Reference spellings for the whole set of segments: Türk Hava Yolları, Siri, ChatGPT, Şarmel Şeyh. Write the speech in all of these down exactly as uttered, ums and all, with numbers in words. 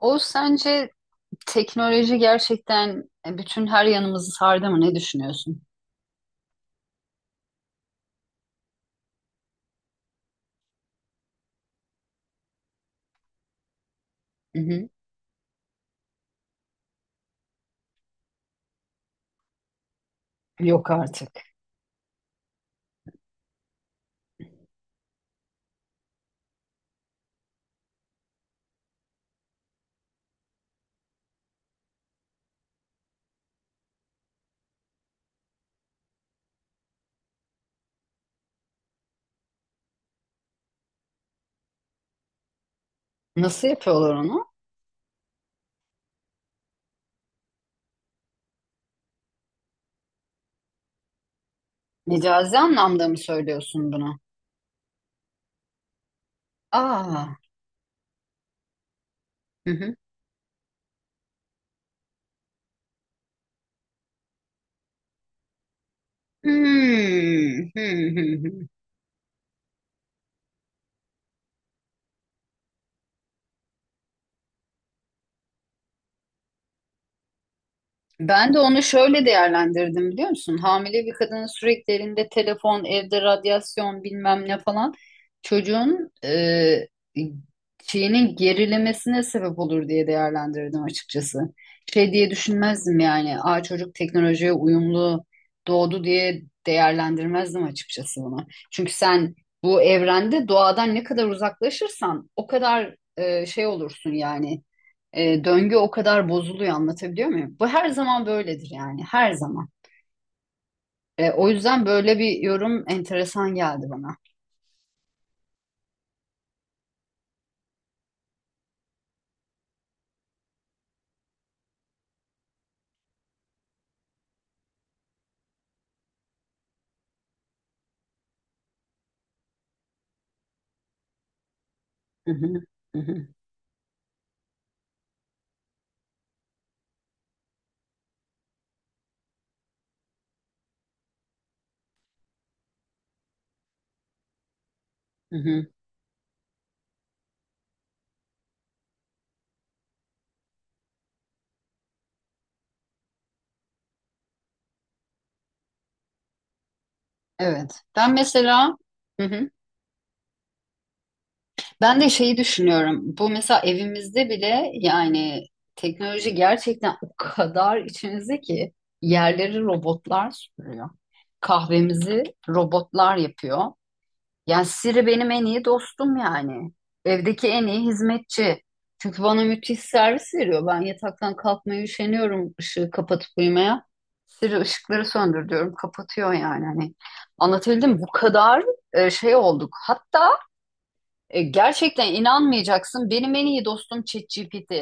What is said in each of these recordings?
O sence teknoloji gerçekten e, bütün her yanımızı sardı mı? Ne düşünüyorsun? Hı hı. Yok artık. Nasıl yapıyorlar onu? Mecazi anlamda mı söylüyorsun bunu? Aa. Hı hı. Hmm. Hı hı hı. Ben de onu şöyle değerlendirdim biliyor musun? Hamile bir kadının sürekli elinde telefon, evde radyasyon bilmem ne falan çocuğun e, şeyinin gerilemesine sebep olur diye değerlendirdim açıkçası. Şey diye düşünmezdim yani. Aa, çocuk teknolojiye uyumlu doğdu diye değerlendirmezdim açıkçası bunu. Çünkü sen bu evrende doğadan ne kadar uzaklaşırsan o kadar e, şey olursun yani, e, döngü o kadar bozuluyor, anlatabiliyor muyum? Bu her zaman böyledir yani, her zaman. E, o yüzden böyle bir yorum enteresan geldi bana. Hı hı, hı hı, hı hı. Evet. Ben mesela, hı hı. Ben de şeyi düşünüyorum. Bu mesela evimizde bile yani teknoloji gerçekten o kadar içimizde ki yerleri robotlar süpürüyor. Kahvemizi robotlar yapıyor. Yani Siri benim en iyi dostum yani. Evdeki en iyi hizmetçi. Çünkü bana müthiş servis veriyor. Ben yataktan kalkmaya üşeniyorum ışığı kapatıp uyumaya. Siri ışıkları söndür diyorum. Kapatıyor yani. Hani anlatabildim mi? Bu kadar e, şey olduk. Hatta e, gerçekten inanmayacaksın. Benim en iyi dostum ChatGPT.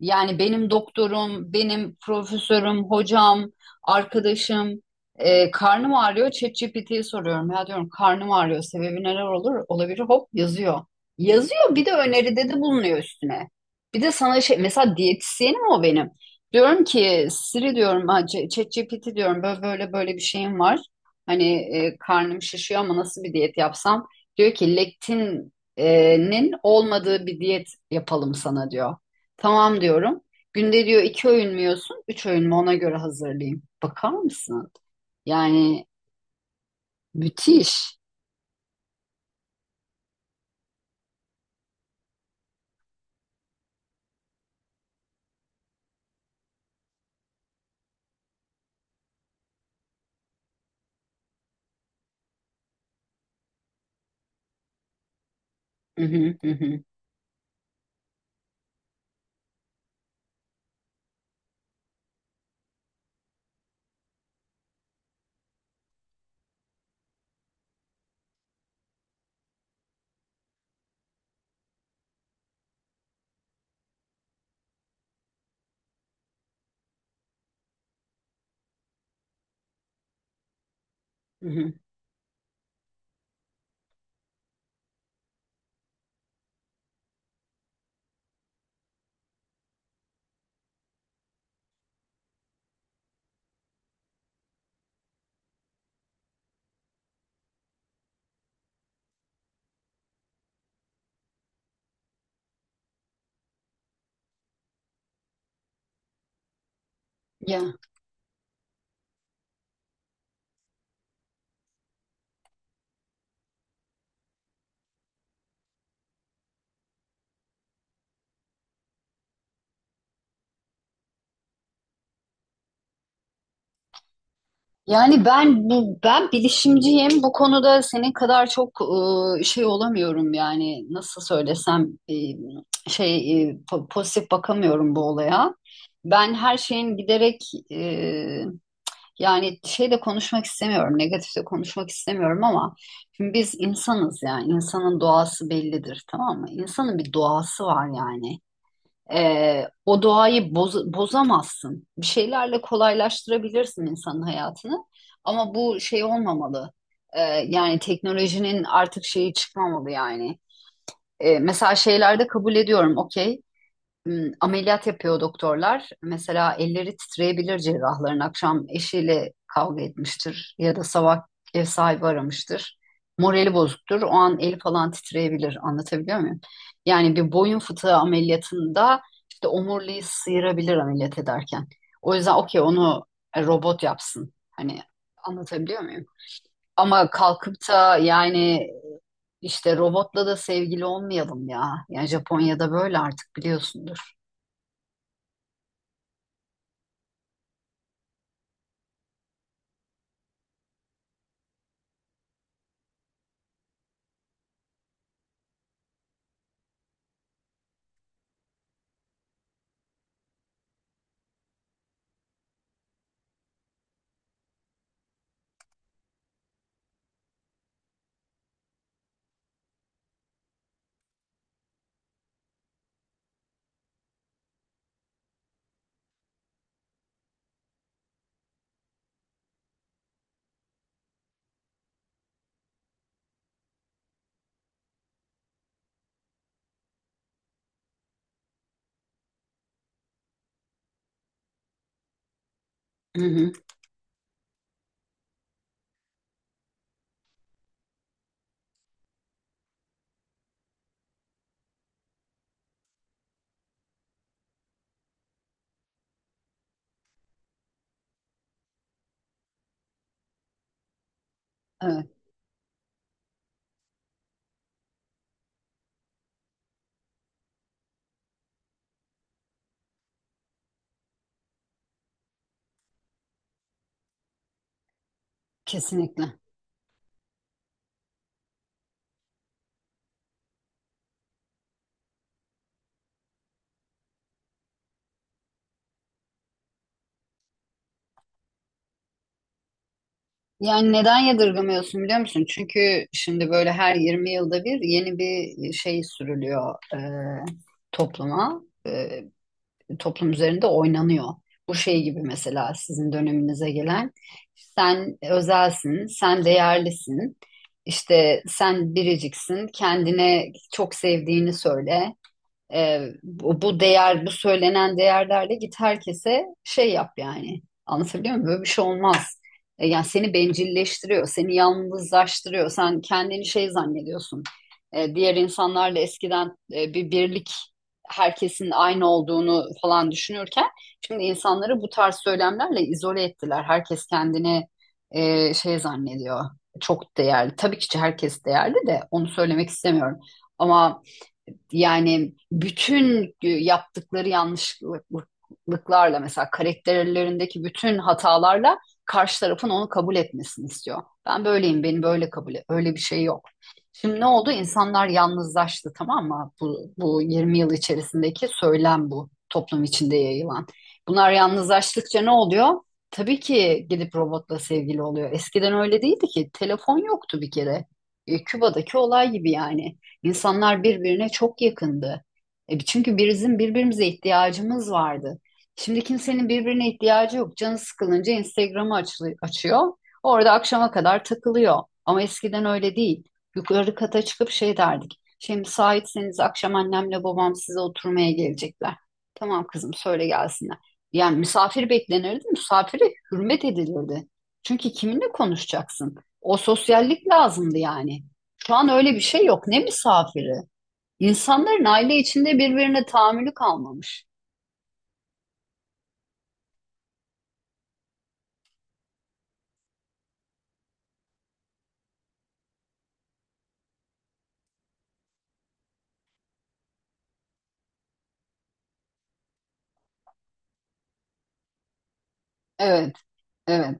Yani benim doktorum, benim profesörüm, hocam, arkadaşım, e, karnım ağrıyor. ChatGPT'ye soruyorum. Ya diyorum, karnım ağrıyor. Sebebi neler olur? Olabilir. Hop yazıyor. Yazıyor, bir de öneride de bulunuyor üstüne. Bir de sana şey mesela, diyetisyenim o benim. Diyorum ki Siri diyorum ha, C- ChatGPT diyorum, böyle böyle böyle bir şeyim var. Hani e, karnım şişiyor ama nasıl bir diyet yapsam? Diyor ki lektinin olmadığı bir diyet yapalım sana diyor. Tamam diyorum. Günde diyor iki öğün mü yiyorsun? Üç öğün mü? Ona göre hazırlayayım. Bakar mısın? Yani müthiş. Hı hı, hı hı, hı hı. Ya, yani ben bu ben bilişimciyim. Bu konuda senin kadar çok e, şey olamıyorum yani, nasıl söylesem, e, şey, e, po- pozitif bakamıyorum bu olaya. Ben her şeyin giderek ıı, yani şey de konuşmak istemiyorum, negatif de konuşmak istemiyorum ama şimdi biz insanız yani, insanın doğası bellidir tamam mı? İnsanın bir doğası var yani. Ee, o doğayı boz- bozamazsın. Bir şeylerle kolaylaştırabilirsin insanın hayatını ama bu şey olmamalı. Ee, Yani teknolojinin artık şeyi çıkmamalı yani. Ee, mesela şeylerde kabul ediyorum, okey, m, ameliyat yapıyor doktorlar. Mesela elleri titreyebilir cerrahların. Akşam eşiyle kavga etmiştir ya da sabah ev sahibi aramıştır. Morali bozuktur. O an eli falan titreyebilir. Anlatabiliyor muyum? Yani bir boyun fıtığı ameliyatında işte omuriliği sıyırabilir ameliyat ederken. O yüzden okey, onu e, robot yapsın. Hani anlatabiliyor muyum? Ama kalkıp da yani, işte robotla da sevgili olmayalım ya. Yani Japonya'da böyle artık biliyorsundur. Hı hı. Evet, kesinlikle. Yani neden yadırgamıyorsun biliyor musun? Çünkü şimdi böyle her yirmi yılda bir yeni bir şey sürülüyor e, topluma. E, toplum üzerinde oynanıyor. Bu şey gibi mesela sizin döneminize gelen. Sen özelsin, sen değerlisin. İşte sen biriciksin, kendine çok sevdiğini söyle. Ee, bu, bu değer, bu söylenen değerlerle git herkese şey yap yani. Anlatabiliyor muyum? Böyle bir şey olmaz. Ee, yani seni bencilleştiriyor, seni yalnızlaştırıyor. Sen kendini şey zannediyorsun. Ee, diğer insanlarla eskiden e, bir birlik, herkesin aynı olduğunu falan düşünürken şimdi insanları bu tarz söylemlerle izole ettiler. Herkes kendini e, şey zannediyor. Çok değerli. Tabii ki herkes değerli de onu söylemek istemiyorum. Ama yani bütün e, yaptıkları yanlışlıklarla mesela karakterlerindeki bütün hatalarla karşı tarafın onu kabul etmesini istiyor. Ben böyleyim, beni böyle kabul et. Öyle bir şey yok. Şimdi ne oldu? İnsanlar yalnızlaştı tamam mı? Bu, bu yirmi yıl içerisindeki söylem bu toplum içinde yayılan. Bunlar yalnızlaştıkça ne oluyor? Tabii ki gidip robotla sevgili oluyor. Eskiden öyle değildi ki. Telefon yoktu bir kere. E, Küba'daki olay gibi yani. İnsanlar birbirine çok yakındı. E, çünkü bizim birbirimize ihtiyacımız vardı. Şimdi kimsenin birbirine ihtiyacı yok. Canı sıkılınca Instagram'ı açlı- açıyor. Orada akşama kadar takılıyor. Ama eskiden öyle değil. Yukarı kata çıkıp şey derdik. Şimdi müsaitseniz akşam annemle babam size oturmaya gelecekler. Tamam kızım, söyle gelsinler. Yani misafir beklenirdi, misafire hürmet edilirdi. Çünkü kiminle konuşacaksın? O sosyallik lazımdı yani. Şu an öyle bir şey yok. Ne misafiri? İnsanların aile içinde birbirine tahammülü kalmamış. Evet, evet,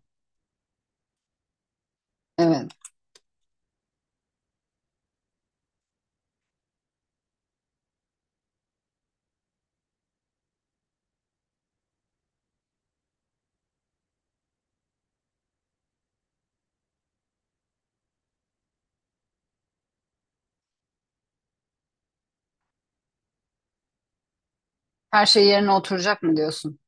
evet. Her şey yerine oturacak mı diyorsun?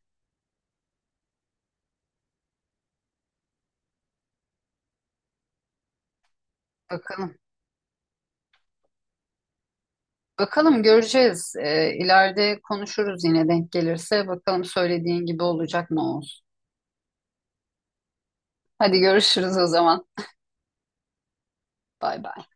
Bakalım. Bakalım göreceğiz. Ee, ileride konuşuruz yine denk gelirse. Bakalım söylediğin gibi olacak mı olsun. Hadi görüşürüz o zaman. Bay bay.